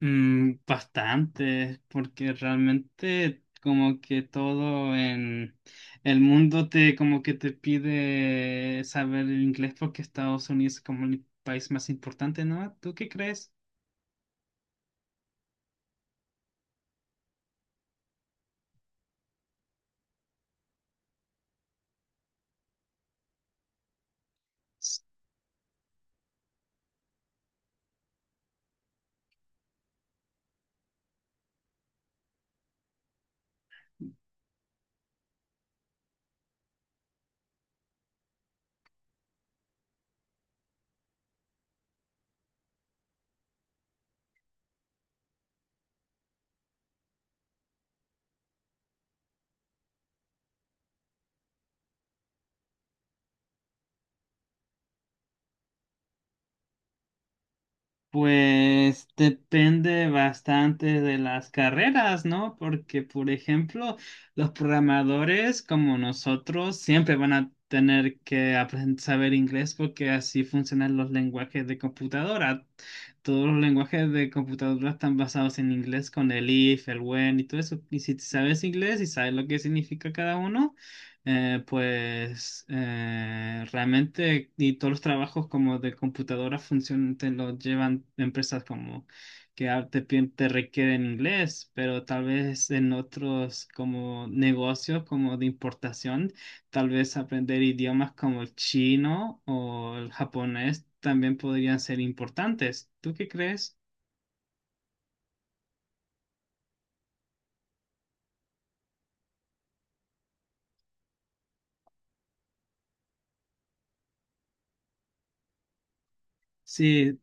Bastante, porque realmente como que todo en el mundo te como que te pide saber el inglés porque Estados Unidos es como el país más importante, ¿no? ¿Tú qué crees? Pues depende bastante de las carreras, ¿no? Porque, por ejemplo, los programadores como nosotros siempre van a tener que aprender, saber inglés porque así funcionan los lenguajes de computadora. Todos los lenguajes de computadora están basados en inglés con el if, el when y todo eso. Y si sabes inglés y sabes lo que significa cada uno, pues realmente y todos los trabajos como de computadora funcionan, te lo llevan empresas como que te, te requieren inglés, pero tal vez en otros como negocios como de importación, tal vez aprender idiomas como el chino o el japonés también podrían ser importantes. ¿Tú qué crees? Sí,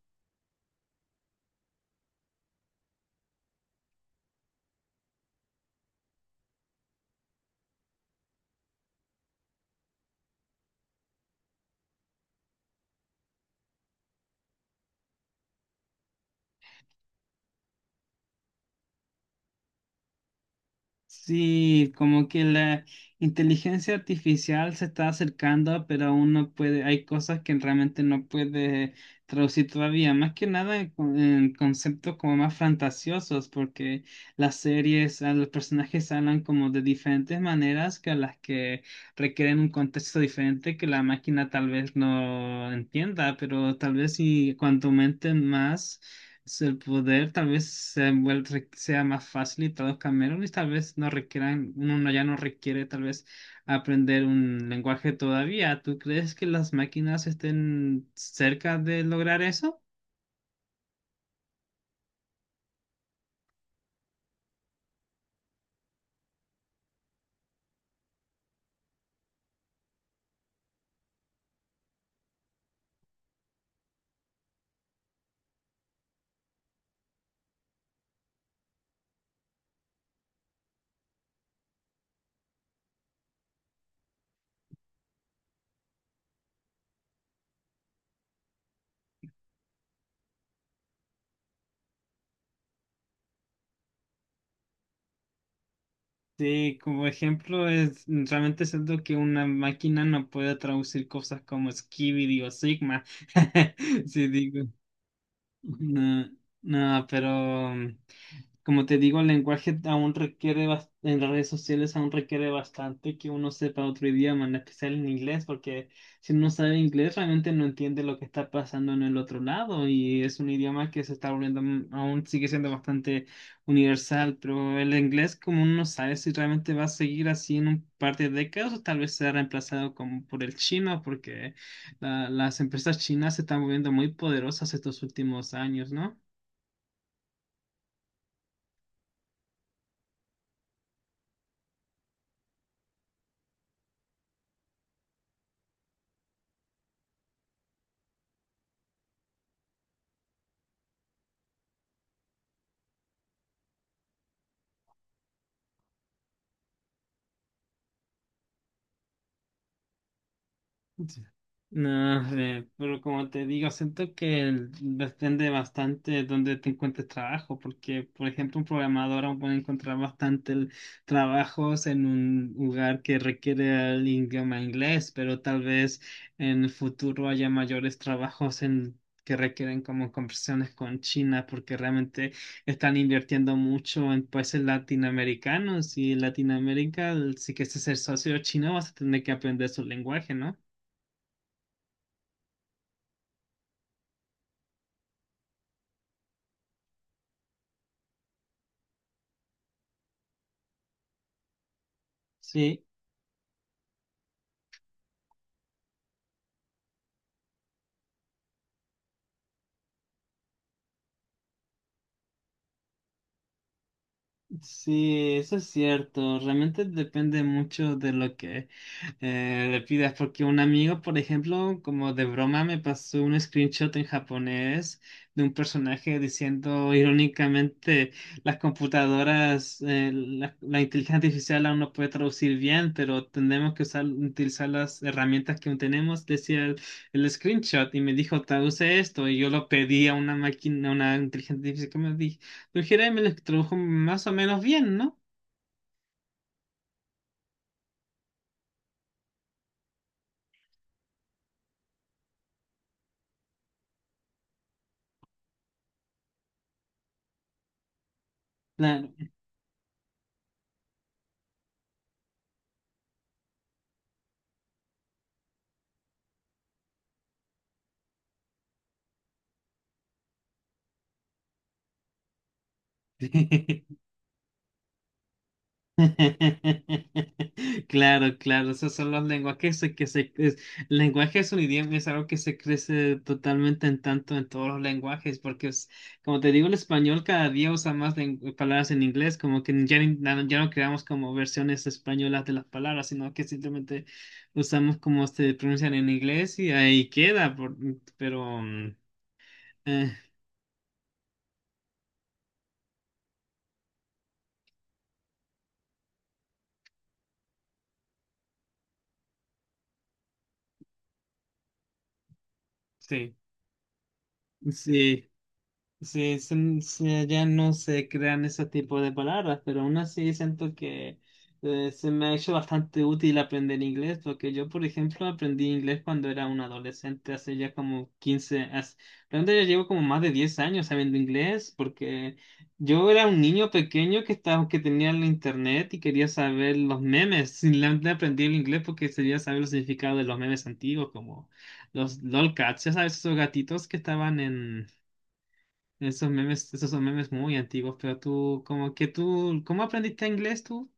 sí, como que la inteligencia artificial se está acercando, pero aún no puede, hay cosas que realmente no puede traducir todavía, más que nada en, en conceptos como más fantasiosos, porque las series, a los personajes hablan como de diferentes maneras que a las que requieren un contexto diferente que la máquina tal vez no entienda, pero tal vez si cuanto aumenten más, si el poder tal vez sea más fácil y traduzcan menos y tal vez no requieran, uno no- ya no requiere tal vez aprender un lenguaje todavía. ¿Tú crees que las máquinas estén cerca de lograr eso? Sí, como ejemplo, es realmente siento que una máquina no puede traducir cosas como Skibidi o Sigma. Sí, digo. No, no, pero como te digo, el lenguaje aún requiere, en las redes sociales aún requiere bastante que uno sepa otro idioma, en especial en inglés, porque si uno sabe inglés realmente no entiende lo que está pasando en el otro lado y es un idioma que se está volviendo, aún sigue siendo bastante universal, pero el inglés, como uno no sabe si realmente va a seguir así en un par de décadas o tal vez sea reemplazado como por el chino, porque las empresas chinas se están volviendo muy poderosas estos últimos años, ¿no? No sé, pero como te digo, siento que depende bastante de dónde te encuentres trabajo, porque, por ejemplo, un programador aún puede encontrar bastante trabajos en un lugar que requiere el idioma inglés, pero tal vez en el futuro haya mayores trabajos en que requieren como conversaciones con China, porque realmente están invirtiendo mucho en países latinoamericanos y en Latinoamérica, si quieres ser socio chino, vas a tener que aprender su lenguaje, ¿no? Sí, sí, eso es cierto. Realmente depende mucho de lo que le pidas, porque un amigo, por ejemplo, como de broma, me pasó un screenshot en japonés de un personaje diciendo irónicamente, las computadoras, la inteligencia artificial aún no puede traducir bien, pero tendremos que usar, utilizar las herramientas que aún tenemos, decía el screenshot, y me dijo, traduce esto, y yo lo pedí a una máquina, a una inteligencia artificial que me... Pero Jeremy lo extrajo más o menos bien, ¿no? Claro. Claro, claro, esos son los lenguajes el lenguaje, es un idioma, es algo que se crece totalmente en tanto en todos los lenguajes, porque es, como te digo, el español cada día usa más palabras en inglés, como que ya, ya no creamos como versiones españolas de las palabras, sino que simplemente usamos como se pronuncian en inglés y ahí queda, pero eh, sí, sí. Sí, Ya no se crean ese tipo de palabras, pero aún así siento que se me ha hecho bastante útil aprender inglés, porque yo, por ejemplo, aprendí inglés cuando era un adolescente, hace ya como 15, realmente ya llevo como más de 10 años sabiendo inglés, porque yo era un niño pequeño que estaba, que tenía el internet y quería saber los memes. Simplemente aprendí el inglés porque quería saber el significado de los memes antiguos, como los lolcats, ya sabes, esos gatitos que estaban en... Esos memes, esos son memes muy antiguos, pero tú, como que tú, ¿cómo aprendiste inglés tú?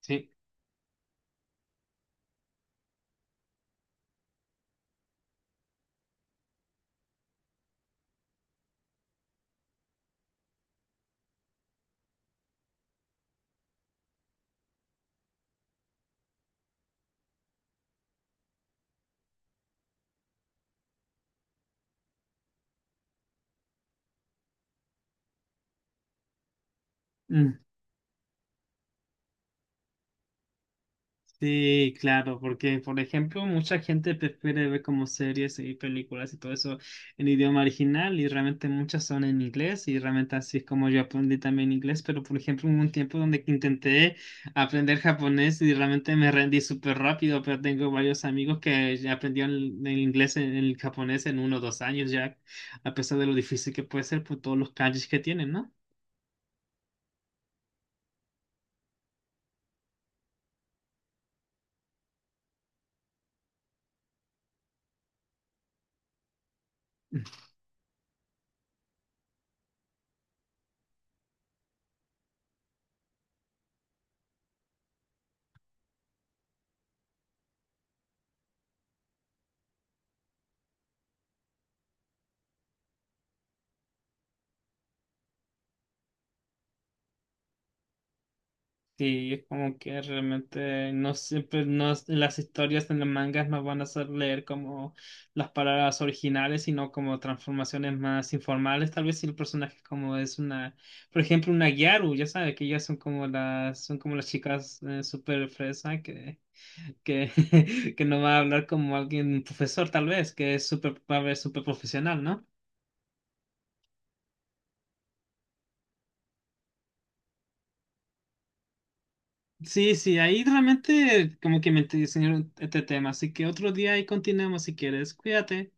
Sí. Sí, claro, porque, por ejemplo, mucha gente prefiere ver como series y películas y todo eso en idioma original y realmente muchas son en inglés y realmente así es como yo aprendí también inglés, pero, por ejemplo, hubo un tiempo donde que intenté aprender japonés y realmente me rendí súper rápido, pero tengo varios amigos que ya aprendieron el inglés, en el japonés, en 1 o 2 años ya, a pesar de lo difícil que puede ser por todos los kanjis que tienen, ¿no? Sí, es como que realmente no siempre no, las historias en los mangas no van a hacer leer como las palabras originales, sino como transformaciones más informales. Tal vez si el personaje como es una, por ejemplo, una Gyaru, ya sabes que ellas son como las chicas súper fresa que, que no va a hablar como alguien un profesor, tal vez, que es súper, va a ver súper profesional, ¿no? Sí, sí, ahí realmente como que me enseñaron este tema, así que otro día ahí continuamos si quieres, cuídate.